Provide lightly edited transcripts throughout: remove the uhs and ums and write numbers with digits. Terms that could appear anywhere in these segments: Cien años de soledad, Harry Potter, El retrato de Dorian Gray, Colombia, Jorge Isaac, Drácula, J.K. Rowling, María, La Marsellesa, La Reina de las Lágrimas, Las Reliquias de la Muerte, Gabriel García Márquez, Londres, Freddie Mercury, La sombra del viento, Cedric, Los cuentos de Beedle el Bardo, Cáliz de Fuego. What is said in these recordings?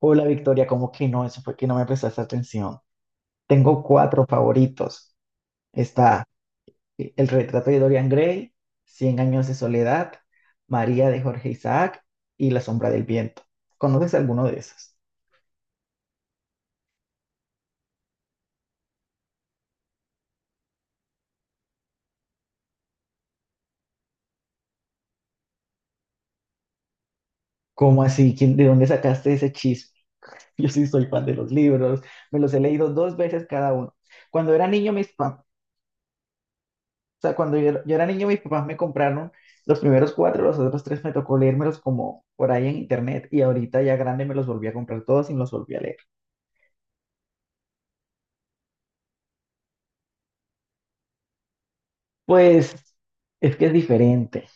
Hola Victoria, ¿cómo que no? Eso fue que no me prestaste atención. Tengo cuatro favoritos. Está El retrato de Dorian Gray, Cien años de soledad, María de Jorge Isaac y La sombra del viento. ¿Conoces alguno de esos? ¿Cómo así? ¿Quién- de dónde sacaste ese chisme? Yo sí soy fan de los libros, me los he leído dos veces cada uno. Cuando era niño, mis, pa- sea, cuando yo era niño, mis papás me compraron los primeros cuatro, los otros tres me tocó leérmelos como por ahí en internet y ahorita ya grande me los volví a comprar todos y me los volví a leer. Pues es que es diferente.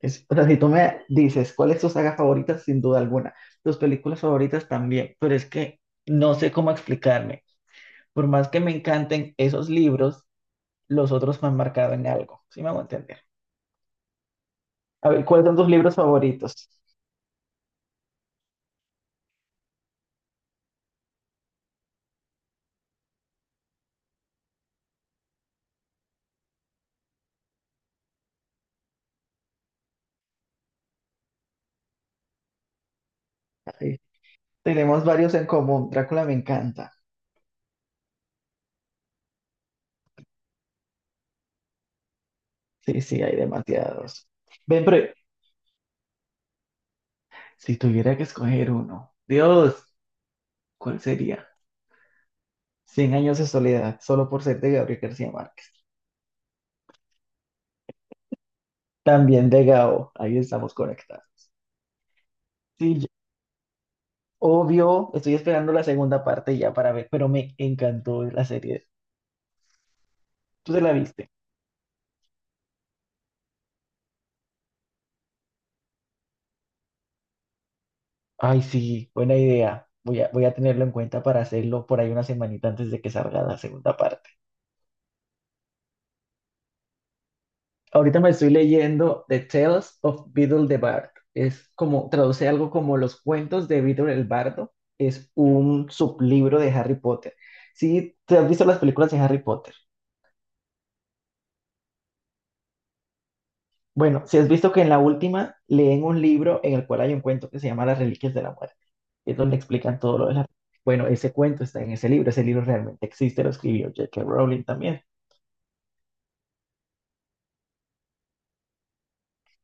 Es, o sea, si tú me dices, ¿cuál es tu saga favorita? Sin duda alguna. Tus películas favoritas también, pero es que no sé cómo explicarme. Por más que me encanten esos libros, los otros me han marcado en algo. ¿Sí me hago entender? A ver, ¿cuáles son tus libros favoritos? Ahí tenemos varios en común. Drácula me encanta. Sí, sí, hay demasiados. Ven, pero si tuviera que escoger uno, Dios, ¿cuál sería? Cien años de soledad, solo por ser de Gabriel García Márquez. También de Gao, ahí estamos conectados. Sí, yo- obvio, estoy esperando la segunda parte ya para ver, pero me encantó la serie. ¿Tú te la viste? Ay, sí, buena idea. Voy a tenerlo en cuenta para hacerlo por ahí una semanita antes de que salga la segunda parte. Ahorita me estoy leyendo The Tales of Beedle the Bard. Es como, traduce algo como Los cuentos de Beedle el Bardo. Es un sublibro de Harry Potter. Si te has visto las películas de Harry Potter. Bueno, si has visto que en la última leen un libro en el cual hay un cuento que se llama Las Reliquias de la Muerte. Es donde explican todo lo de la... Bueno, ese cuento está en ese libro. Ese libro realmente existe, lo escribió J.K. Rowling también.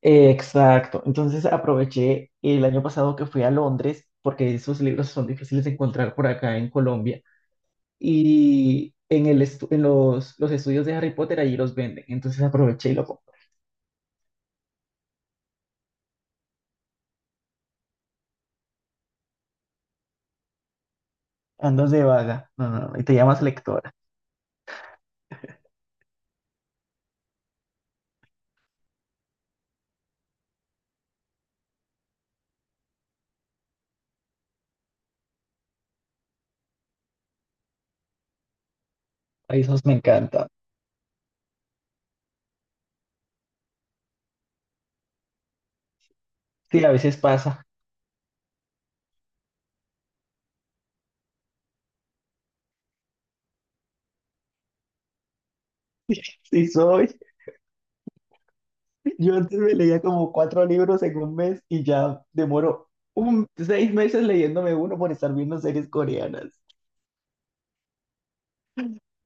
Exacto. Entonces aproveché el año pasado que fui a Londres, porque esos libros son difíciles de encontrar por acá en Colombia, y en el estu- en los estudios de Harry Potter allí los venden. Entonces aproveché y lo compré. Andas de vaga. No, no, no, y te llamas lectora. A esos me encantan. Sí, a veces pasa. Sí, soy. Yo antes me leía como cuatro libros en un mes y ya demoro un, seis meses leyéndome uno por estar viendo series coreanas.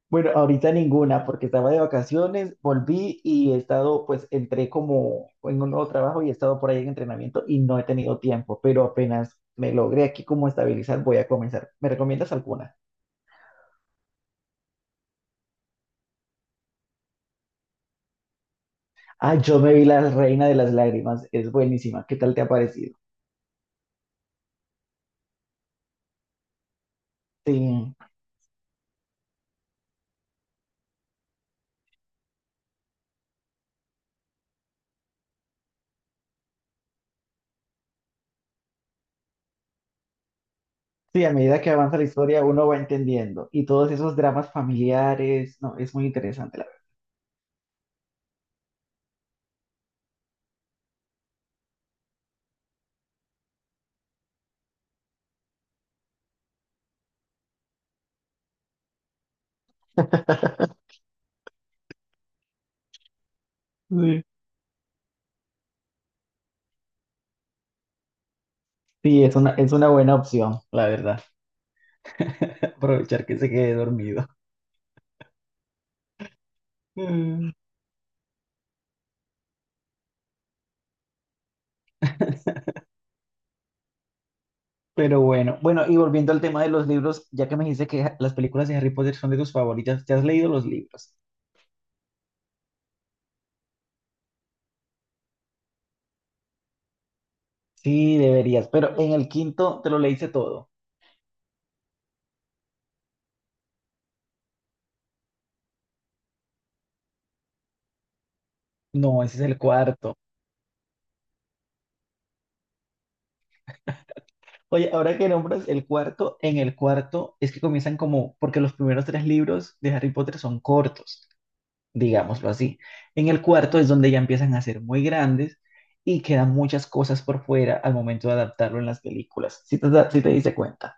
Bueno, ahorita ninguna, porque estaba de vacaciones, volví y he estado, pues entré como en un nuevo trabajo y he estado por ahí en entrenamiento y no he tenido tiempo, pero apenas me logré aquí como estabilizar, voy a comenzar. ¿Me recomiendas alguna? Ah, yo me vi La Reina de las Lágrimas, es buenísima. ¿Qué tal te ha parecido? Sí, sí, a medida que avanza la historia uno va entendiendo y todos esos dramas familiares, no, es muy interesante, la verdad. Sí, sí, es una buena opción, la verdad, aprovechar que se quede dormido. Mm. Pero bueno, bueno, y volviendo al tema de los libros, ya que me dijiste que ha- las películas de Harry Potter son de tus favoritas, ¿te has leído los libros? Sí, deberías, pero en el quinto te lo leíste todo. No, ese es el cuarto. Oye, ahora que nombras el cuarto, en el cuarto es que comienzan como, porque los primeros tres libros de Harry Potter son cortos, digámoslo así. En el cuarto es donde ya empiezan a ser muy grandes y quedan muchas cosas por fuera al momento de adaptarlo en las películas, si te, da- si te diste cuenta.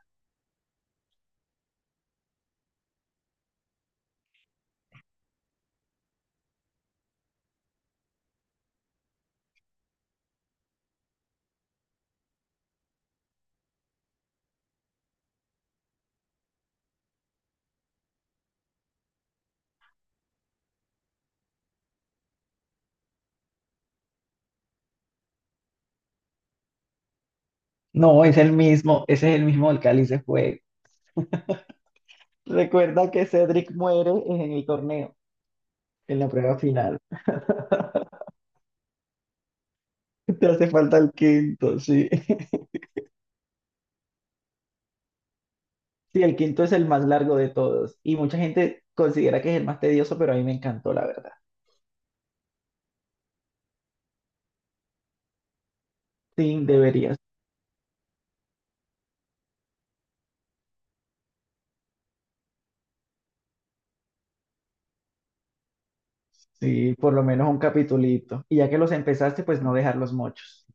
No, es el mismo, ese es el mismo del Cáliz de Fuego. Recuerda que Cedric muere en el torneo, en la prueba final. Te hace falta el quinto, sí. Sí, el quinto es el más largo de todos y mucha gente considera que es el más tedioso, pero a mí me encantó, la verdad. Sí, deberías. Sí, por lo menos un capitulito. Y ya que los empezaste, pues no dejar los mochos.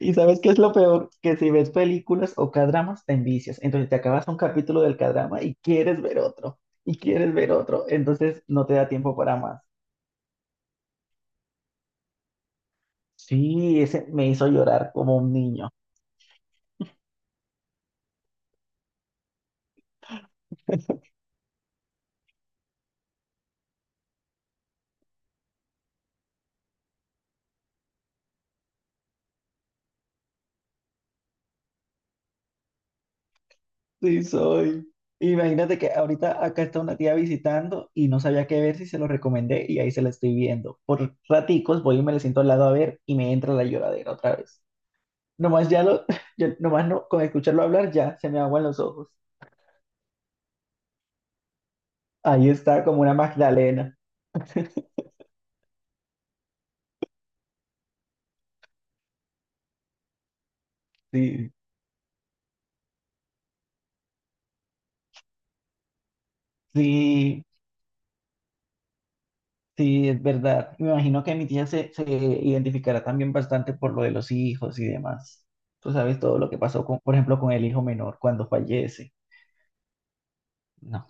¿Y sabes qué es lo peor? Que si ves películas o cadramas, te envicias. Entonces te acabas un capítulo del cadrama y quieres ver otro. Y quieres ver otro. Entonces no te da tiempo para más. Sí, ese me hizo llorar como un niño. Sí, soy. Imagínate que ahorita acá está una tía visitando y no sabía qué ver si se lo recomendé y ahí se la estoy viendo. Por raticos voy y me le siento al lado a ver y me entra la lloradera otra vez. Nomás ya lo, ya- nomás no, con escucharlo hablar ya se me aguan los ojos. Ahí está como una Magdalena. Sí, sí. Sí, es verdad. Me imagino que mi tía se identificará también bastante por lo de los hijos y demás. Tú sabes todo lo que pasó, con, por ejemplo, con el hijo menor cuando fallece. No.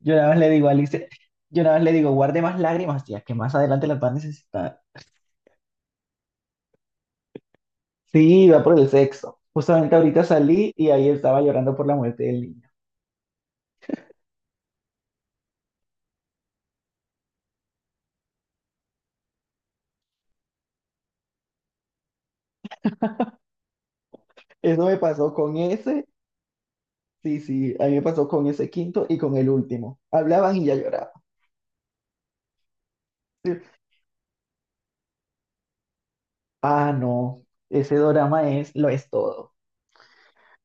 Yo nada más le digo a Alice, yo nada más le digo, guarde más lágrimas, tía, que más adelante las va a necesitar. Sí, va por el sexo. Justamente ahorita salí y ahí estaba llorando por la muerte del niño. Eso me pasó con ese, sí, sí, a mí me pasó con ese quinto y con el último. Hablaban y ya lloraba. Sí. Ah, no, ese drama es, lo es todo.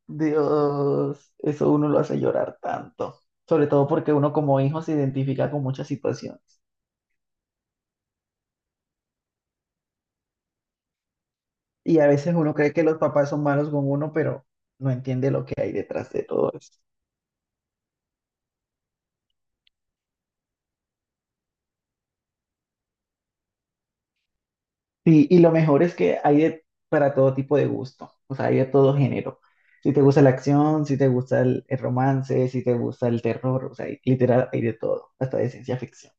Dios, eso uno lo hace llorar tanto, sobre todo porque uno como hijo se identifica con muchas situaciones y a veces uno cree que los papás son malos con uno, pero no entiende lo que hay detrás de todo eso. Sí, y lo mejor es que hay de- para todo tipo de gusto, o sea, hay de todo género. Si te gusta la acción, si te gusta el romance, si te gusta el terror, o sea, hay- literal, hay de todo, hasta de ciencia ficción.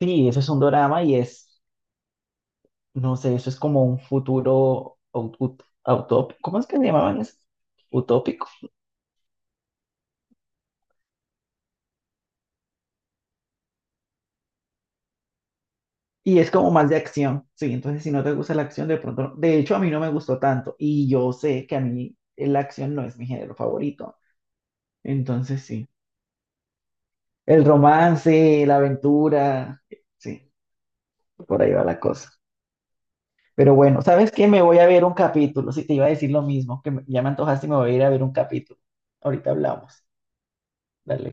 Sí, eso es un drama y es. No sé, eso es como un futuro ut- ut- utópico. ¿Cómo es que se llamaban eso? Utópico. Y es como más de acción. Sí, entonces si no te gusta la acción, de pronto. No, de hecho, a mí no me gustó tanto. Y yo sé que a mí la acción no es mi género favorito. Entonces sí. El romance, la aventura. Sí, por ahí va la cosa. Pero bueno, ¿sabes qué? Me voy a ver un capítulo. Si te iba a decir lo mismo, que me- ya me antojaste y me voy a ir a ver un capítulo. Ahorita hablamos. Dale.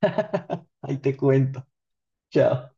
Ahí te cuento. Chao.